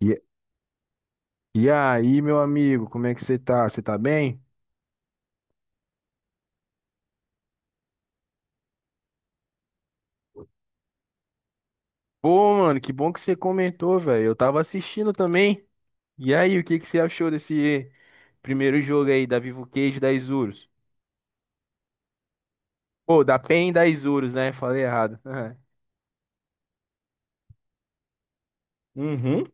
E, e aí, meu amigo, como é que você tá? Você tá bem? Pô, mano, que bom que você comentou, velho. Eu tava assistindo também. E aí, o que que você achou desse primeiro jogo aí da Vivo Cage da Isurus? Pô, da PEN da Isurus, né? Falei errado. Uhum.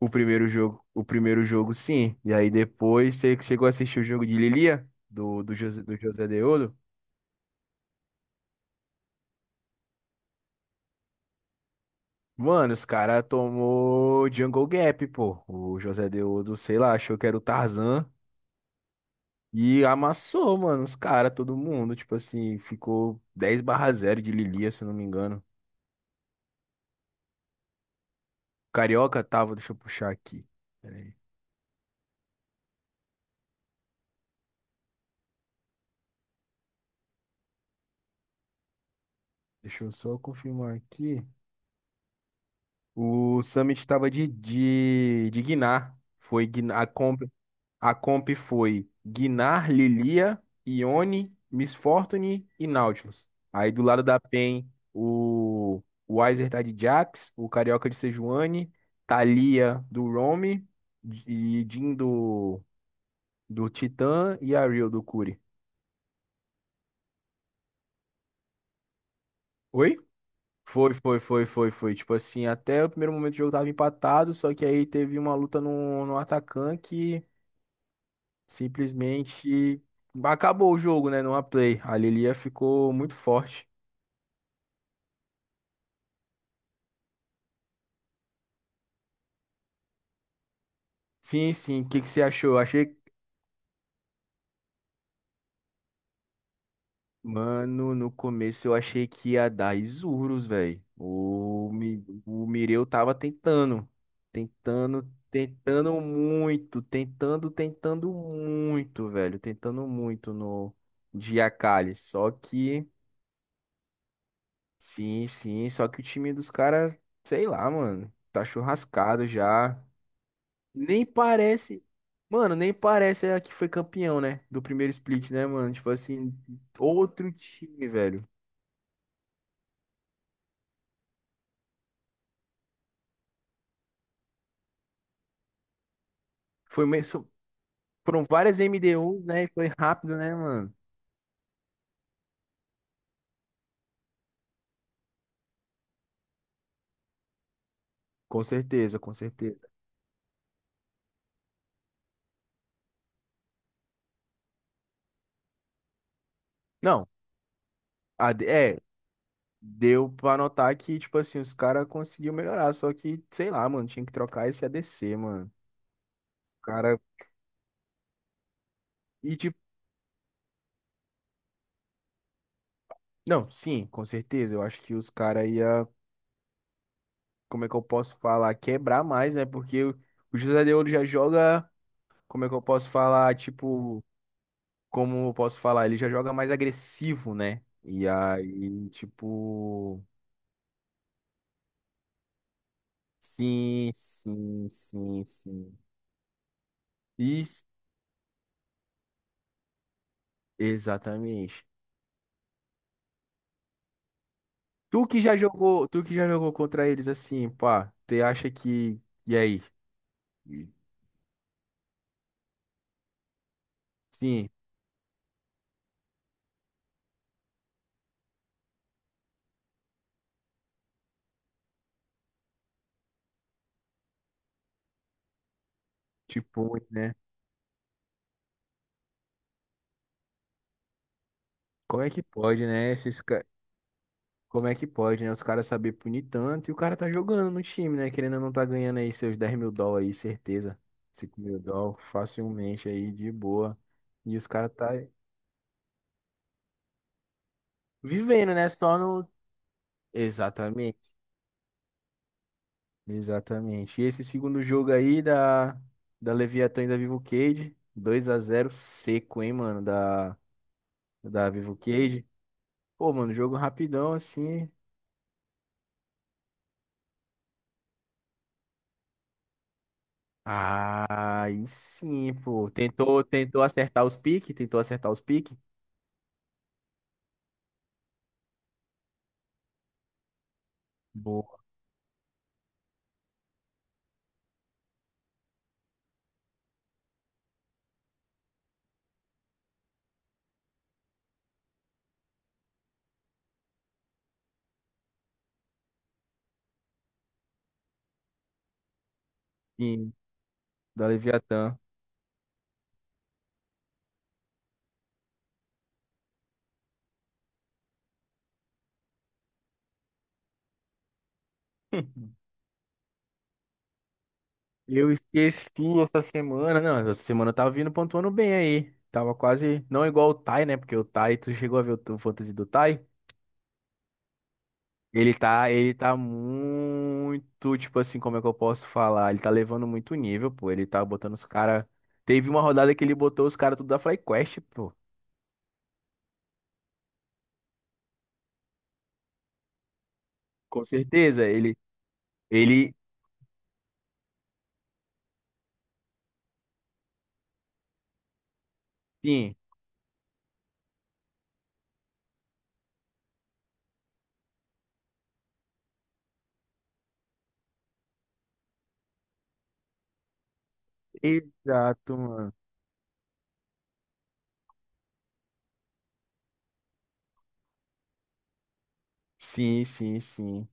O primeiro jogo, sim. E aí depois você chegou a assistir o jogo de Lilia do José, do José Deodo? Mano, os cara tomou Jungle Gap, pô. O José Deodo, sei lá, achou que era o Tarzan. E amassou, mano, os caras, todo mundo. Tipo assim, ficou 10 barra zero de Lilia, se eu não me engano. Carioca tava, deixa eu puxar aqui. Pera aí. Deixa eu só confirmar aqui. O Summit tava de, Guiná. Foi Guiná, a comp foi Gnar, Lilia, Ione, Miss Fortune e Nautilus. Aí do lado da PEN, o o Weiser tá de Jax, o Carioca de Sejuani, Thalia do Roam e Jhin do, do Titã e a Rio do Curi. Oi? Foi, foi, foi, foi, foi. Tipo assim, até o primeiro momento do jogo tava empatado, só que aí teve uma luta no, no Atacan que simplesmente acabou o jogo, né? Numa play. A Lilia ficou muito forte. Sim, sim. O que que você achou? Eu achei. Mano, no começo eu achei que ia dar Isurus, velho. O Mireu tava tentando. Tentando, tentando muito. Tentando, tentando muito, velho. Tentando muito no de Akali. Só que. Sim, sim. Só que o time dos caras, sei lá, mano. Tá churrascado já. Nem parece. Mano, nem parece a que foi campeão, né? Do primeiro split, né, mano? Tipo assim, outro time, velho. Foi mesmo. Foram várias MD1, né? E foi rápido, né, mano? Com certeza, com certeza. Não, a de- é, deu pra notar que, tipo assim, os caras conseguiu melhorar. Só que, sei lá, mano, tinha que trocar esse ADC, mano. O cara. E tipo. Não, sim, com certeza. Eu acho que os caras ia. Como é que eu posso falar? Quebrar mais, né? Porque o José de Ouro já joga. Como é que eu posso falar? Tipo, como eu posso falar? Ele já joga mais agressivo, né? E aí, tipo, sim, sim, sim, sim. Isso, exatamente. Tu que já jogou, tu que já jogou contra eles assim, pá, tu acha que. E aí? Sim, tipo, né? Como é que pode, né? Como é que pode, né? Os caras saber punir tanto e o cara tá jogando no time, né? Querendo ou não tá ganhando aí seus US$ 10.000 aí, certeza. US$ 5.000 facilmente aí, de boa. E os caras tá vivendo, né? Só no. Exatamente, exatamente. E esse segundo jogo aí da, da Leviatã e da Vivo Cage, 2-0 seco, hein, mano? Da Vivo Cage. Pô, mano, jogo rapidão assim. Ah, aí sim, pô. Tentou, tentou acertar os piques, tentou acertar os piques. Sim, da Leviatã. Eu esqueci essa semana. Não, essa semana eu tava vindo pontuando bem aí. Tava quase. Não igual o Tai, né? Porque o Tai, tu chegou a ver o fantasy do Tai? Ele tá muito, tipo assim, como é que eu posso falar? Ele tá levando muito nível, pô. Ele tá botando os caras. Teve uma rodada que ele botou os caras tudo da FlyQuest, pô. Com certeza, ele, sim, exato, mano. Sim, sim, sim.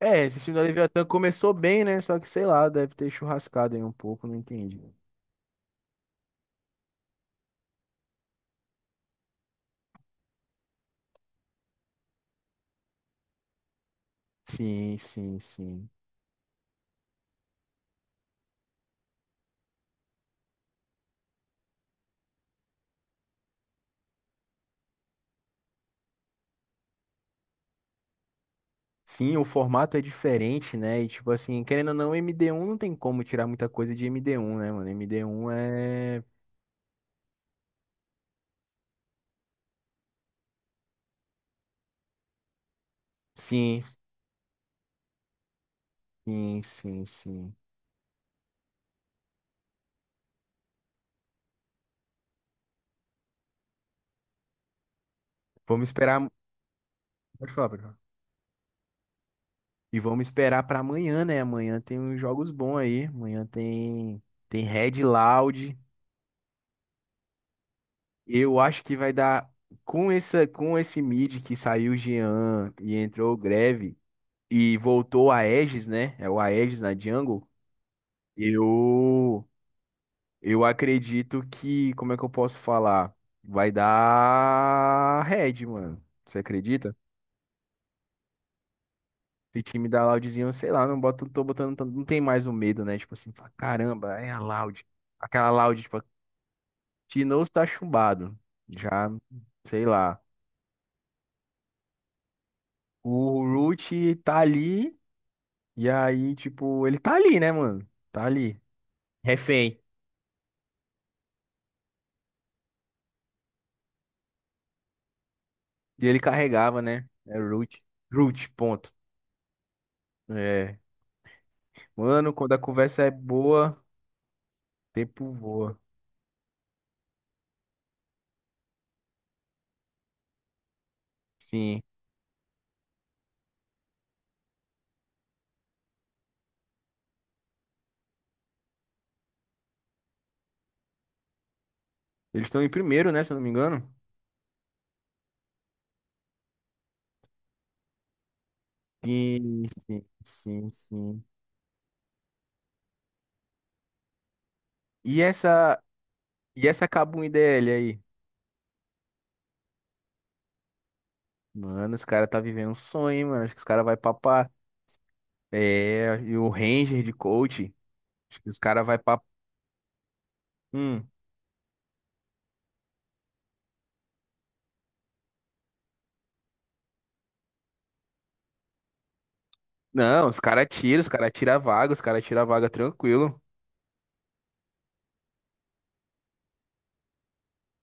É, esse time do Leviatã começou bem, né? Só que sei lá, deve ter churrascado aí um pouco, não entendi. Sim, sim, sim. Sim, o formato é diferente, né? E tipo assim, querendo ou não, MD1 não tem como tirar muita coisa de MD1, né, mano? MD1 é. Sim, sim, sim, sim. Vamos esperar. Pode falar, pode falar. E vamos esperar pra amanhã, né? Amanhã tem uns jogos bons aí. Amanhã tem. Tem Red Loud. Eu acho que vai dar com esse mid que saiu o Jean e entrou o Greve e voltou a Aegis, né? É o Aegis na jungle. Eu eu acredito que, como é que eu posso falar? Vai dar red, mano. Você acredita? Esse time da Loudzinho, sei lá, não bota, tô botando, não tem mais o medo, né? Tipo assim, fala, caramba, é a Loud. Aquela Loud, tipo, Tinoz tá chumbado. Já, sei lá. O Root tá ali. E aí, tipo, ele tá ali, né, mano? Tá ali. Refém. E ele carregava, né? É Root. Root, ponto. É. Mano, quando a conversa é boa, o tempo voa. Sim. Eles estão em primeiro, né? Se eu não me engano. Sim, sim, sim, sim. E essa. E essa. Kabum IDL aí? Mano, os caras tá vivendo um sonho, hein, mano. Acho que os caras vai papar. É, e o Ranger de coach. Acho que os caras vai pra. Hum. Não, os caras tiram a vaga, os caras tiram a vaga tranquilo.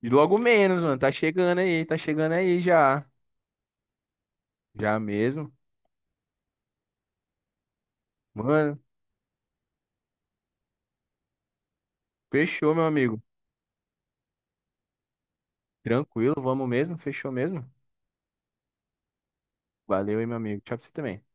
E logo menos, mano. Tá chegando aí já. Já mesmo. Mano, fechou, meu amigo. Tranquilo, vamos mesmo? Fechou mesmo? Valeu aí, meu amigo. Tchau pra você também.